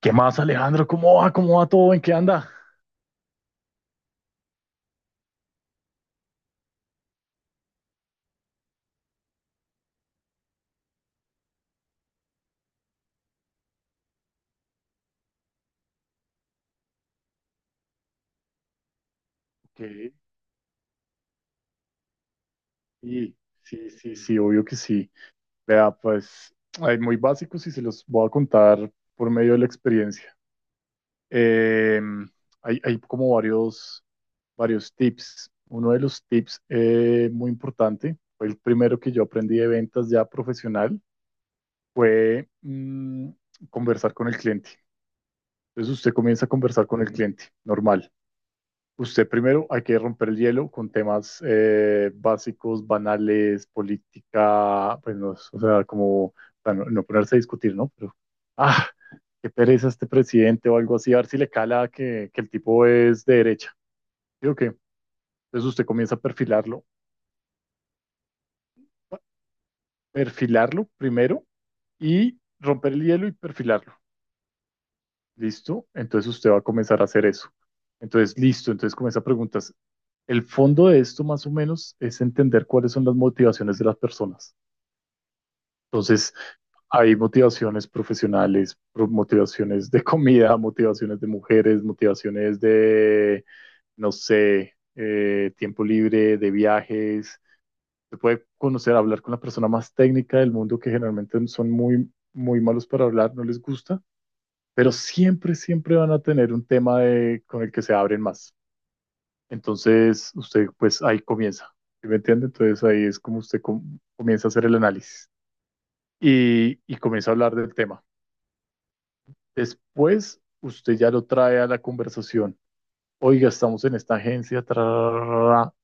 ¿Qué más, Alejandro? ¿Cómo va? ¿Cómo va todo? ¿En qué anda? Ok, y sí, sí, sí, obvio que sí. Vea, pues, hay muy básicos y se los voy a contar por medio de la experiencia. Eh, hay, varios tips. Uno de los tips muy importante, fue el primero que yo aprendí de ventas ya profesional, fue conversar con el cliente. Entonces usted comienza a conversar con el cliente, normal. Usted primero hay que romper el hielo con temas básicos, banales, política, pues no, o sea, como bueno, no ponerse a discutir, ¿no? Pero, ah, qué pereza este presidente o algo así, a ver si le cala que el tipo es de derecha. Digo que, entonces usted comienza a perfilarlo, perfilarlo primero y romper el hielo y perfilarlo. ¿Listo? Entonces usted va a comenzar a hacer eso. Entonces, listo. Entonces comienza a preguntas. El fondo de esto, más o menos, es entender cuáles son las motivaciones de las personas. Entonces, hay motivaciones profesionales, motivaciones de comida, motivaciones de mujeres, motivaciones de, no sé, tiempo libre, de viajes. Se puede conocer, hablar con la persona más técnica del mundo que generalmente son muy, muy malos para hablar, no les gusta, pero siempre, siempre van a tener un tema de, con el que se abren más. Entonces, usted pues ahí comienza, ¿sí? ¿Me entiende? Entonces ahí es como usted comienza a hacer el análisis y comienza a hablar del tema. Después, usted ya lo trae a la conversación. Oiga, estamos en esta agencia, tra, ra, ra, ra,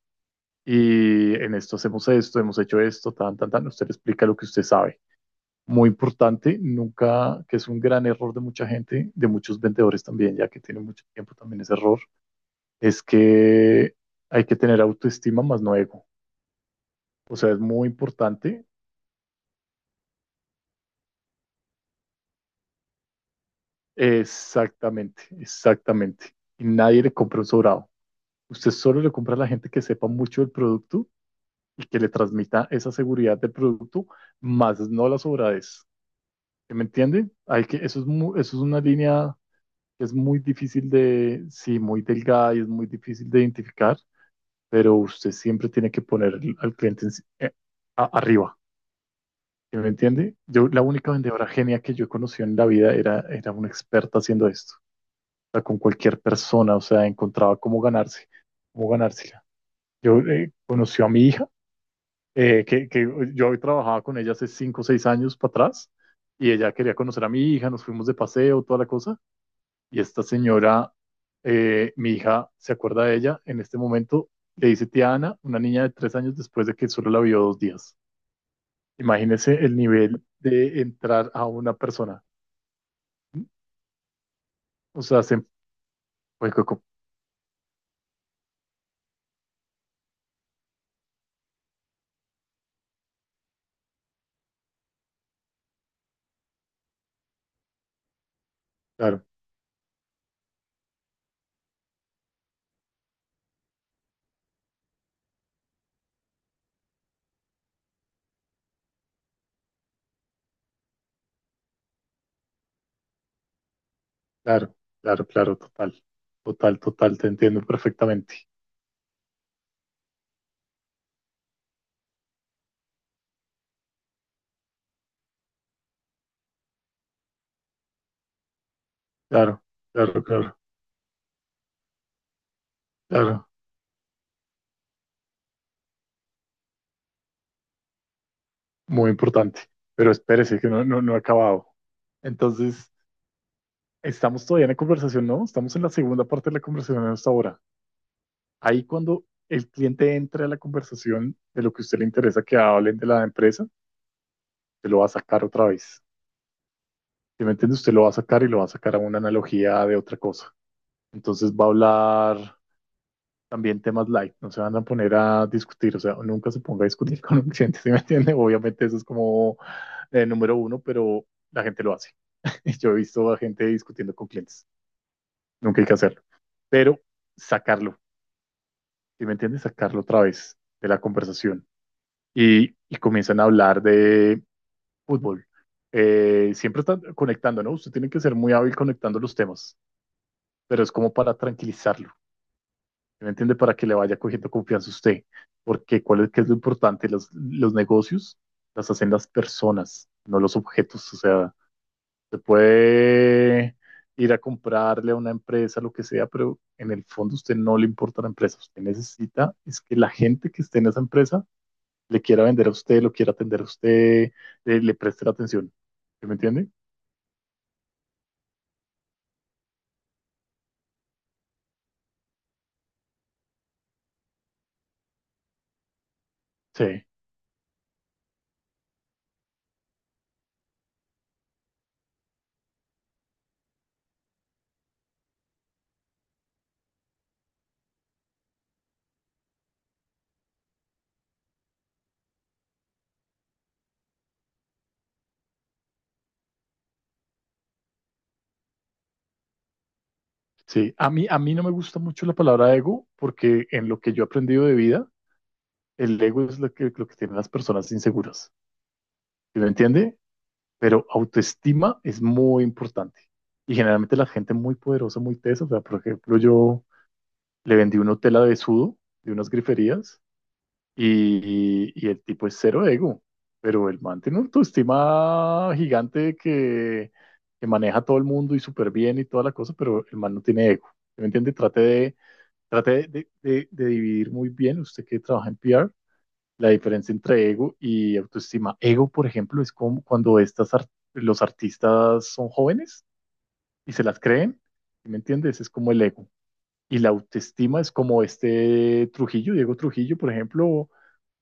y en esto hacemos esto, hemos hecho esto, tan, tan, tan. Usted le explica lo que usted sabe. Muy importante, nunca, que es un gran error de mucha gente, de muchos vendedores también, ya que tienen mucho tiempo también ese error, es que hay que tener autoestima, más no ego. O sea, es muy importante. Exactamente, exactamente. Y nadie le compra un sobrado. Usted solo le compra a la gente que sepa mucho del producto y que le transmita esa seguridad del producto, más no la sobradez. ¿Sí? ¿Me entiende? Hay que, eso es, eso es una línea que es muy difícil de, sí, muy delgada y es muy difícil de identificar, pero usted siempre tiene que poner al cliente si, arriba. ¿Sí me entiende? Yo, la única vendedora genia que yo conocí en la vida era, era una experta haciendo esto. O sea, con cualquier persona, o sea, encontraba cómo ganarse, cómo ganársela. Yo conocí a mi hija, que yo trabajaba con ella hace 5 o 6 años para atrás, y ella quería conocer a mi hija, nos fuimos de paseo, toda la cosa, y esta señora, mi hija se acuerda de ella en este momento, le dice tía Ana, una niña de 3 años después de que solo la vio 2 días. Imagínese el nivel de entrar a una persona. O sea, se, pues, claro, claro, claro, claro, total, total, total, te entiendo perfectamente. Claro, claro, claro, claro, muy importante. Pero espérese, que no, no, no he acabado. Entonces, estamos todavía en la conversación, ¿no? Estamos en la segunda parte de la conversación hasta ahora. Ahí cuando el cliente entre a la conversación de lo que a usted le interesa que hablen de la empresa, se lo va a sacar otra vez. Si me entiende, usted lo va a sacar y lo va a sacar a una analogía de otra cosa. Entonces va a hablar también temas light, no se van a poner a discutir, o sea, nunca se ponga a discutir con un cliente, ¿sí me entiende? Obviamente eso es como el número uno, pero la gente lo hace. Yo he visto a gente discutiendo con clientes, nunca hay que hacerlo, pero sacarlo, ¿sí me entiende? Sacarlo otra vez de la conversación y comienzan a hablar de fútbol. Siempre están conectando, ¿no? Usted tiene que ser muy hábil conectando los temas, pero es como para tranquilizarlo. ¿Sí? ¿Me entiende? Para que le vaya cogiendo confianza a usted. Porque ¿cuál es, qué es lo importante? Los negocios las hacen las personas, no los objetos. O sea, se puede ir a comprarle a una empresa, lo que sea, pero en el fondo a usted no le importa la empresa. Usted necesita es que la gente que esté en esa empresa le quiera vender a usted, lo quiera atender a usted, le preste la atención. ¿Sí? ¿Me entiende? Sí, sí. A mí no me gusta mucho la palabra ego porque en lo que yo he aprendido de vida, el ego es lo que tienen las personas inseguras, ¿sí me entiende? Pero autoestima es muy importante. Y generalmente la gente muy poderosa, muy tesa, o sea, por ejemplo, yo le vendí una tela de sudo, de unas griferías, y el tipo es cero ego, pero el man tiene una autoestima gigante que maneja a todo el mundo y súper bien y toda la cosa, pero el man no tiene ego. ¿Sí? ¿Me entiende? Trate de, de dividir muy bien, usted que trabaja en PR, la diferencia entre ego y autoestima. Ego, por ejemplo, es como cuando los artistas son jóvenes y se las creen, ¿sí? ¿me entiendes? Es como el ego. Y la autoestima es como este Trujillo, Diego Trujillo, por ejemplo,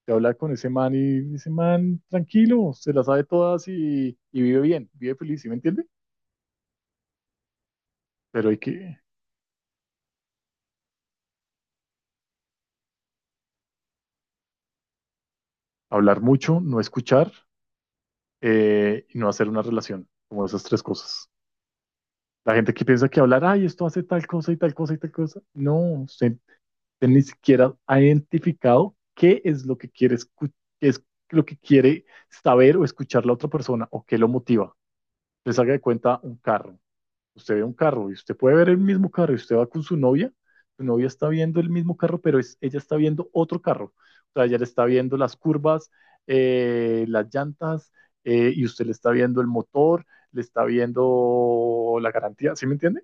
te habla con ese man y dice, man, tranquilo, se las sabe todas y vive bien, vive feliz, ¿sí me entiende? Pero hay que hablar mucho, no escuchar, y no hacer una relación, como esas tres cosas. La gente que piensa que hablar, ay, esto hace tal cosa y tal cosa y tal cosa. No, usted gente ni siquiera ha identificado qué es lo que quiere qué es lo que quiere saber o escuchar la otra persona o qué lo motiva. Les haga de cuenta un carro. Usted ve un carro y usted puede ver el mismo carro y usted va con su novia. Su novia está viendo el mismo carro, pero es, ella está viendo otro carro. O sea, ella le está viendo las curvas, las llantas, y usted le está viendo el motor, le está viendo la garantía, ¿sí me entiende?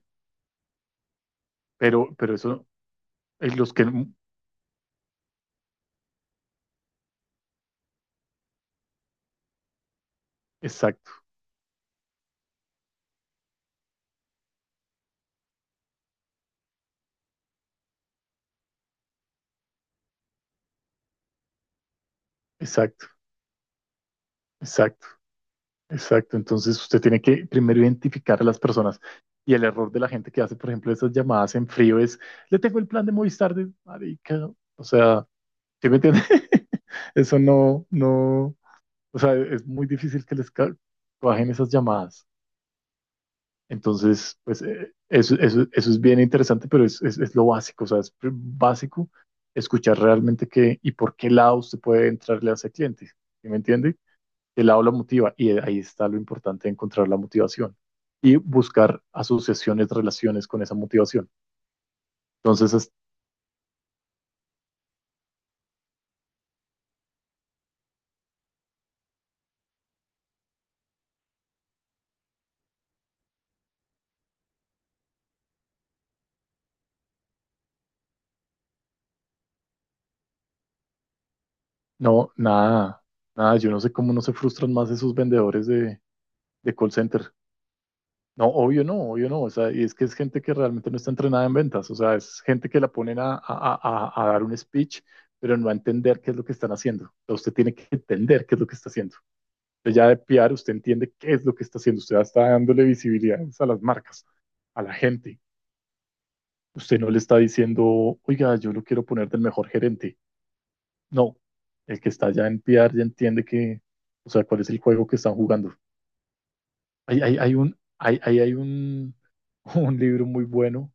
Pero, pero eso, eh, los que... Exacto, exacto, exacto. Exacto, entonces usted tiene que primero identificar a las personas. Y el error de la gente que hace, por ejemplo, esas llamadas en frío es, le tengo el plan de Movistar de marica. O sea, ¿sí me entiende? Eso no, no, o sea, es muy difícil que les cuajen esas llamadas. Entonces, pues eso, eso, eso es bien interesante, pero es lo básico, o sea, es básico escuchar realmente qué y por qué lado usted puede entrarle a ese cliente. ¿Sí me entiende? El aula motiva y ahí está lo importante de encontrar la motivación y buscar asociaciones, relaciones con esa motivación. Entonces, es- no, nada, nada, yo no sé cómo no se frustran más esos vendedores de call center. No, obvio no, obvio no. O sea, y es que es gente que realmente no está entrenada en ventas. O sea, es gente que la ponen a, dar un speech, pero no a entender qué es lo que están haciendo. O sea, usted tiene que entender qué es lo que está haciendo. Usted ya de PR, usted entiende qué es lo que está haciendo. Usted ya está dándole visibilidad a las marcas, a la gente. Usted no le está diciendo, oiga, yo lo quiero poner del mejor gerente. No, el que está ya en PR ya entiende que, o sea, cuál es el juego que están jugando. Hay, hay, hay un, hay, hay, hay un, un libro muy bueno,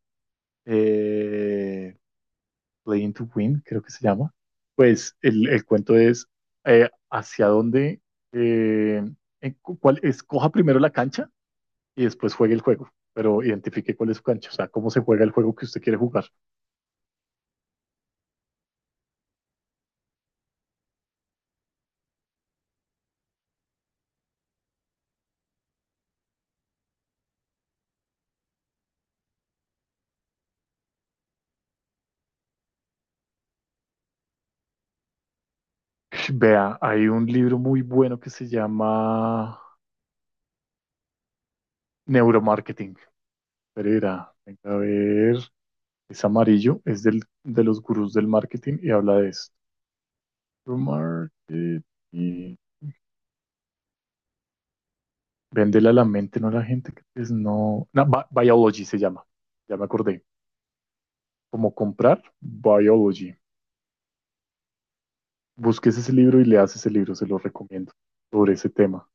eh, Playing to Win, creo que se llama. Pues el cuento es hacia dónde, eh, en cuál, escoja primero la cancha y después juegue el juego, pero identifique cuál es su cancha, o sea, cómo se juega el juego que usted quiere jugar. Vea, hay un libro muy bueno que se llama Neuromarketing. Pero verá, venga a ver, es amarillo, es del, de los gurús del marketing y habla de esto. Neuromarketing. Véndela a la mente, no a la gente que es no. No, Biology se llama. Ya me acordé. ¿Cómo comprar? Biology. Busques ese libro y leas ese libro, se lo recomiendo, sobre ese tema.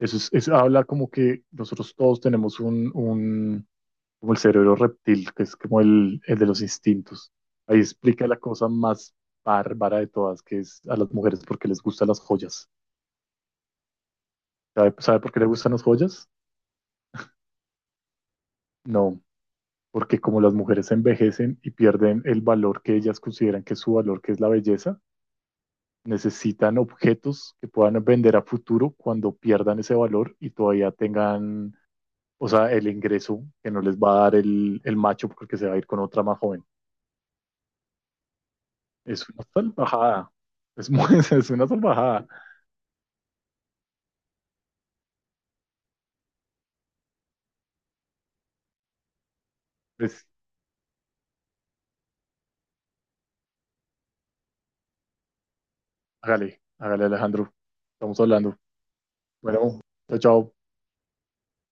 Eso es, eso habla como que nosotros todos tenemos un, como el cerebro reptil, que es como el de los instintos. Ahí explica la cosa más bárbara de todas, que es a las mujeres porque les gustan las joyas. ¿Sabe, sabe por qué les gustan las joyas? No, porque como las mujeres envejecen y pierden el valor que ellas consideran que es su valor, que es la belleza, necesitan objetos que puedan vender a futuro cuando pierdan ese valor y todavía tengan, o sea, el ingreso que no les va a dar el macho porque se va a ir con otra más joven. Es una salvajada. Es, muy, es una salvajada. Pues, hágale, hágale, Alejandro. Estamos hablando. Bueno, chao, chao.